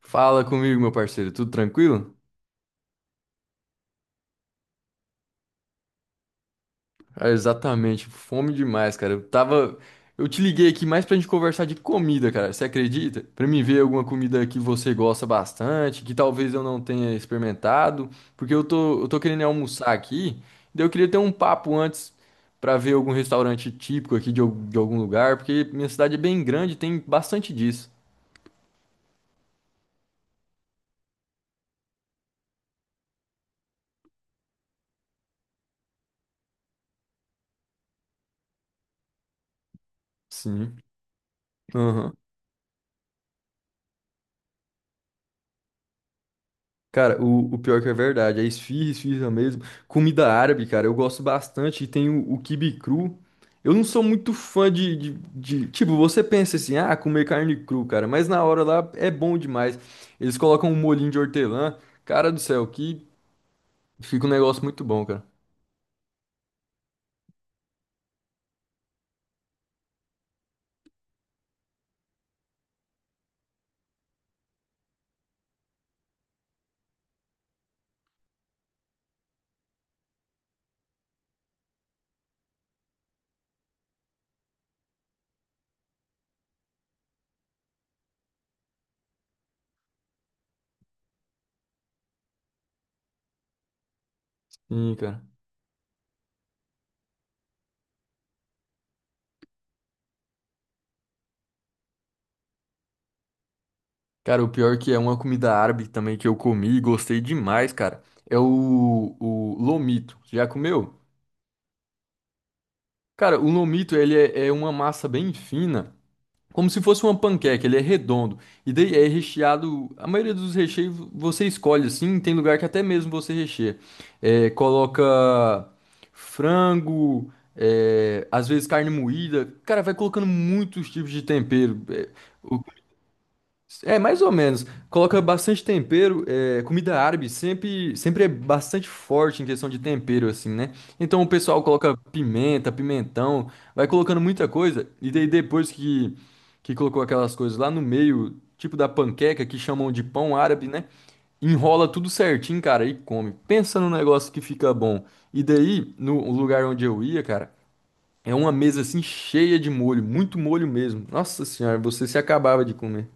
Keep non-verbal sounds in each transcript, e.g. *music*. Fala comigo, meu parceiro, tudo tranquilo? Ah, exatamente, fome demais, cara. Eu tava. Eu te liguei aqui mais pra gente conversar de comida, cara. Você acredita? Pra mim ver alguma comida que você gosta bastante, que talvez eu não tenha experimentado, porque eu tô querendo almoçar aqui, daí eu queria ter um papo antes pra ver algum restaurante típico aqui de algum lugar, porque minha cidade é bem grande, e tem bastante disso. Sim. Aham. Cara, o pior que é verdade, é esfirra mesmo. Comida árabe, cara, eu gosto bastante. E tem o quibe cru. Eu não sou muito fã de. Tipo, você pensa assim, ah, comer carne cru, cara, mas na hora lá é bom demais. Eles colocam um molhinho de hortelã. Cara do céu, que fica um negócio muito bom, cara. Sim, cara. Cara, o pior que é uma comida árabe também que eu comi e gostei demais, cara. É o lomito. Já comeu? Cara, o lomito, ele é uma massa bem fina. Como se fosse uma panqueca, ele é redondo. E daí é recheado. A maioria dos recheios você escolhe assim. Tem lugar que até mesmo você recheia. É, coloca frango, é, às vezes carne moída. Cara, vai colocando muitos tipos de tempero. O- É, mais ou menos. Coloca bastante tempero. É, comida árabe sempre é bastante forte em questão de tempero, assim, né? Então o pessoal coloca pimenta, pimentão, vai colocando muita coisa. E daí depois que colocou aquelas coisas lá no meio, tipo da panqueca, que chamam de pão árabe, né? Enrola tudo certinho, cara, e come. Pensa num negócio que fica bom. E daí, no lugar onde eu ia, cara, é uma mesa assim cheia de molho, muito molho mesmo. Nossa senhora, você se acabava de comer.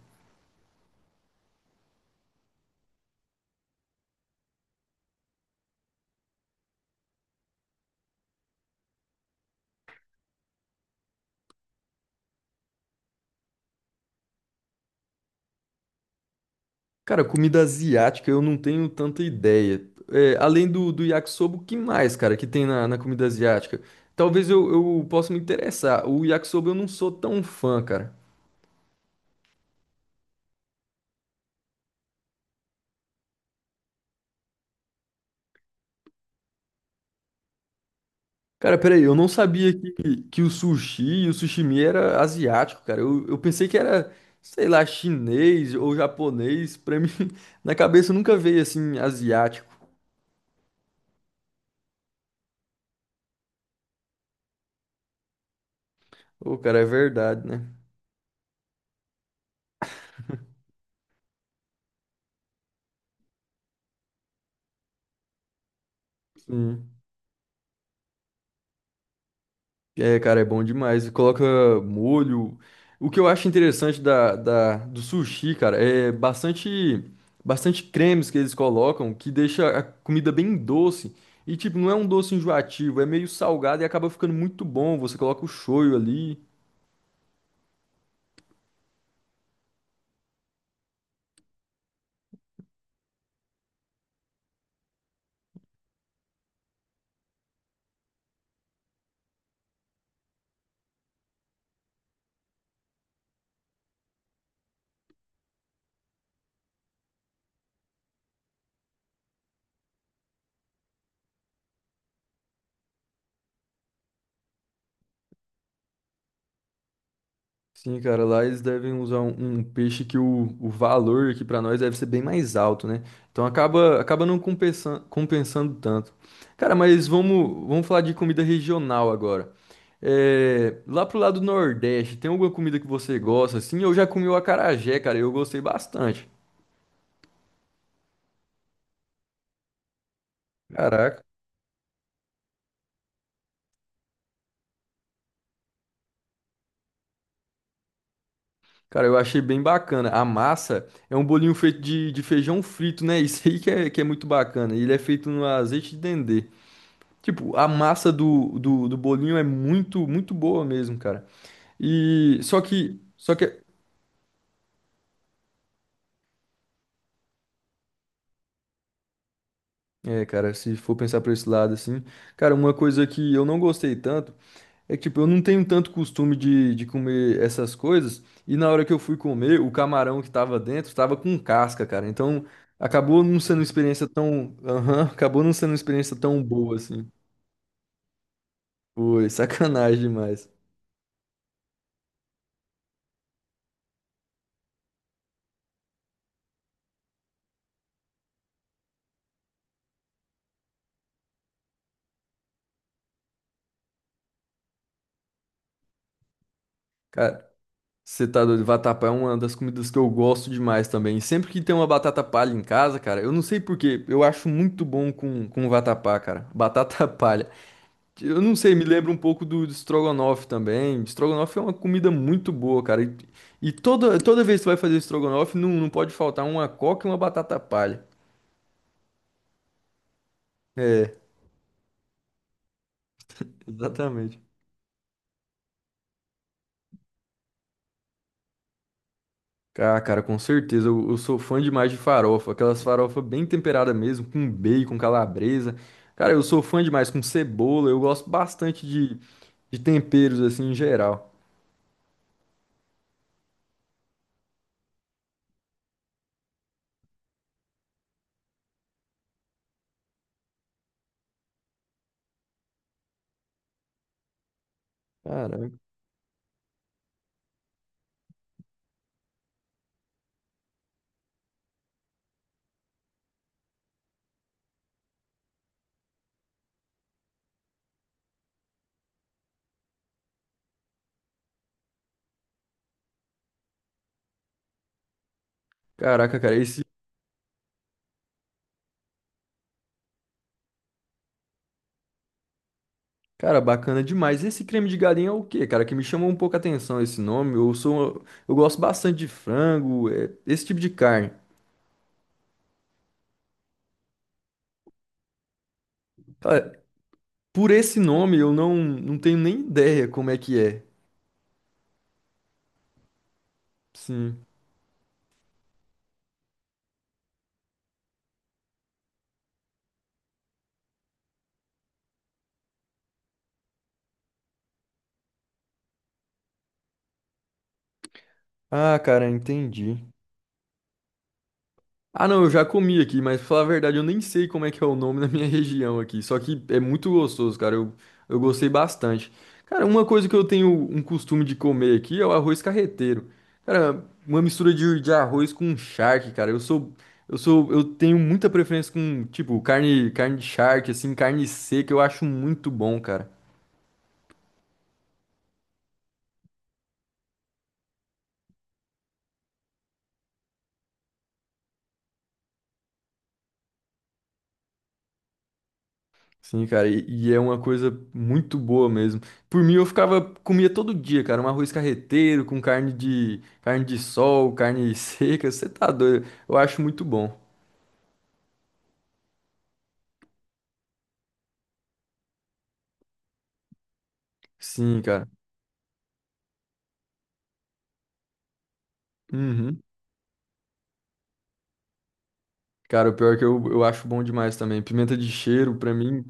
Cara, comida asiática eu não tenho tanta ideia. É, além do yakisoba, o que mais, cara, que tem na comida asiática? Talvez eu possa me interessar. O yakisoba eu não sou tão fã, cara. Cara, peraí, eu não sabia que o sushi e o sushimi era asiático, cara. Eu pensei que era, sei lá, chinês ou japonês. Pra mim, *laughs* na cabeça nunca veio assim, asiático. Ô, cara, é verdade, né? Sim. É, cara, é bom demais. Coloca molho. O que eu acho interessante do sushi, cara, bastante cremes que eles colocam que deixa a comida bem doce. E, tipo, não é um doce enjoativo, é meio salgado e acaba ficando muito bom. Você coloca o shoyu ali. Sim, cara, lá eles devem usar um peixe que o valor aqui pra nós deve ser bem mais alto, né? Então acaba não compensando tanto. Cara, mas vamos falar de comida regional agora. É, lá pro lado Nordeste, tem alguma comida que você gosta? Assim, eu já comi o acarajé, cara, eu gostei bastante. Caraca. Cara, eu achei bem bacana. A massa é um bolinho feito de feijão frito, né? *laughs* Isso aí que é muito bacana. Ele é feito no azeite de dendê. Tipo, a massa do bolinho é muito boa mesmo, cara. E só que é, cara, se for pensar por esse lado assim, cara, uma coisa que eu não gostei tanto é que, tipo, eu não tenho tanto costume de comer essas coisas. E na hora que eu fui comer, o camarão que tava dentro tava com casca, cara. Então, acabou não sendo uma experiência tão, aham, acabou não sendo uma experiência tão boa assim. Foi sacanagem demais. Cara, você tá doido? Vatapá é uma das comidas que eu gosto demais também. Sempre que tem uma batata palha em casa, cara, eu não sei por quê, eu acho muito bom com vatapá, cara. Batata *laughs* palha. Eu não sei, me lembra um pouco do estrogonofe também. Estrogonofe é uma comida muito boa, cara. E e toda vez que você vai fazer estrogonofe, não pode faltar uma coca e uma batata palha. É, exatamente. Ah, cara, com certeza. Eu sou fã demais de farofa. Aquelas farofas bem temperadas mesmo, com bacon, calabresa. Cara, eu sou fã demais com cebola. Eu gosto bastante de temperos, assim, em geral. Cara, caraca, cara, esse. Cara, bacana demais. Esse creme de galinha é o quê, cara? Que me chamou um pouco a atenção esse nome. Eu sou. Eu gosto bastante de frango, é, esse tipo de carne. Cara, por esse nome eu não tenho nem ideia como é que é. Sim. Ah, cara, entendi. Ah, não, eu já comi aqui, mas pra falar a verdade, eu nem sei como é que é o nome na minha *laughs* região aqui. Só que é muito gostoso, cara. Eu gostei bastante. Cara, uma coisa que eu tenho um costume de comer aqui é o arroz carreteiro. Cara, uma mistura de arroz com charque, cara. Eu tenho muita preferência com, tipo, carne de charque, assim, carne seca, eu acho muito bom, cara. Sim, cara, e é uma coisa muito boa mesmo. Por mim, eu ficava, comia todo dia, cara, um arroz carreteiro com carne de sol, carne *laughs* seca, você tá doido. Eu acho muito bom. Sim, cara. Uhum. Cara, o pior é que eu acho bom demais também. Pimenta de cheiro, pra mim,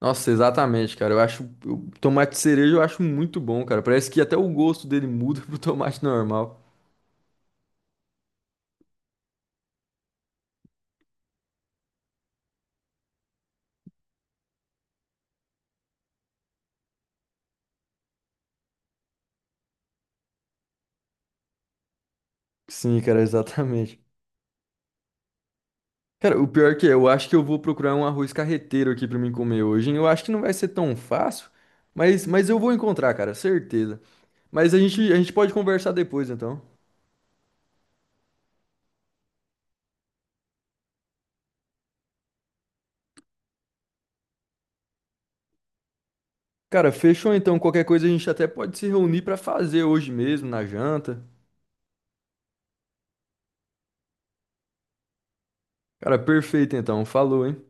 nossa, exatamente, cara. Tomate cereja eu acho muito bom, cara. Parece que até o gosto dele muda *laughs* pro tomate normal. Sim, cara, exatamente. Cara, o pior que é, eu acho que eu vou procurar um arroz carreteiro aqui pra mim comer hoje, hein? Eu acho que não vai ser tão fácil, mas eu vou encontrar, cara, certeza. Mas a gente pode conversar depois, então. Cara, fechou então. Qualquer coisa a gente até pode se reunir pra fazer hoje mesmo, na janta. Cara, perfeito então. Falou, hein?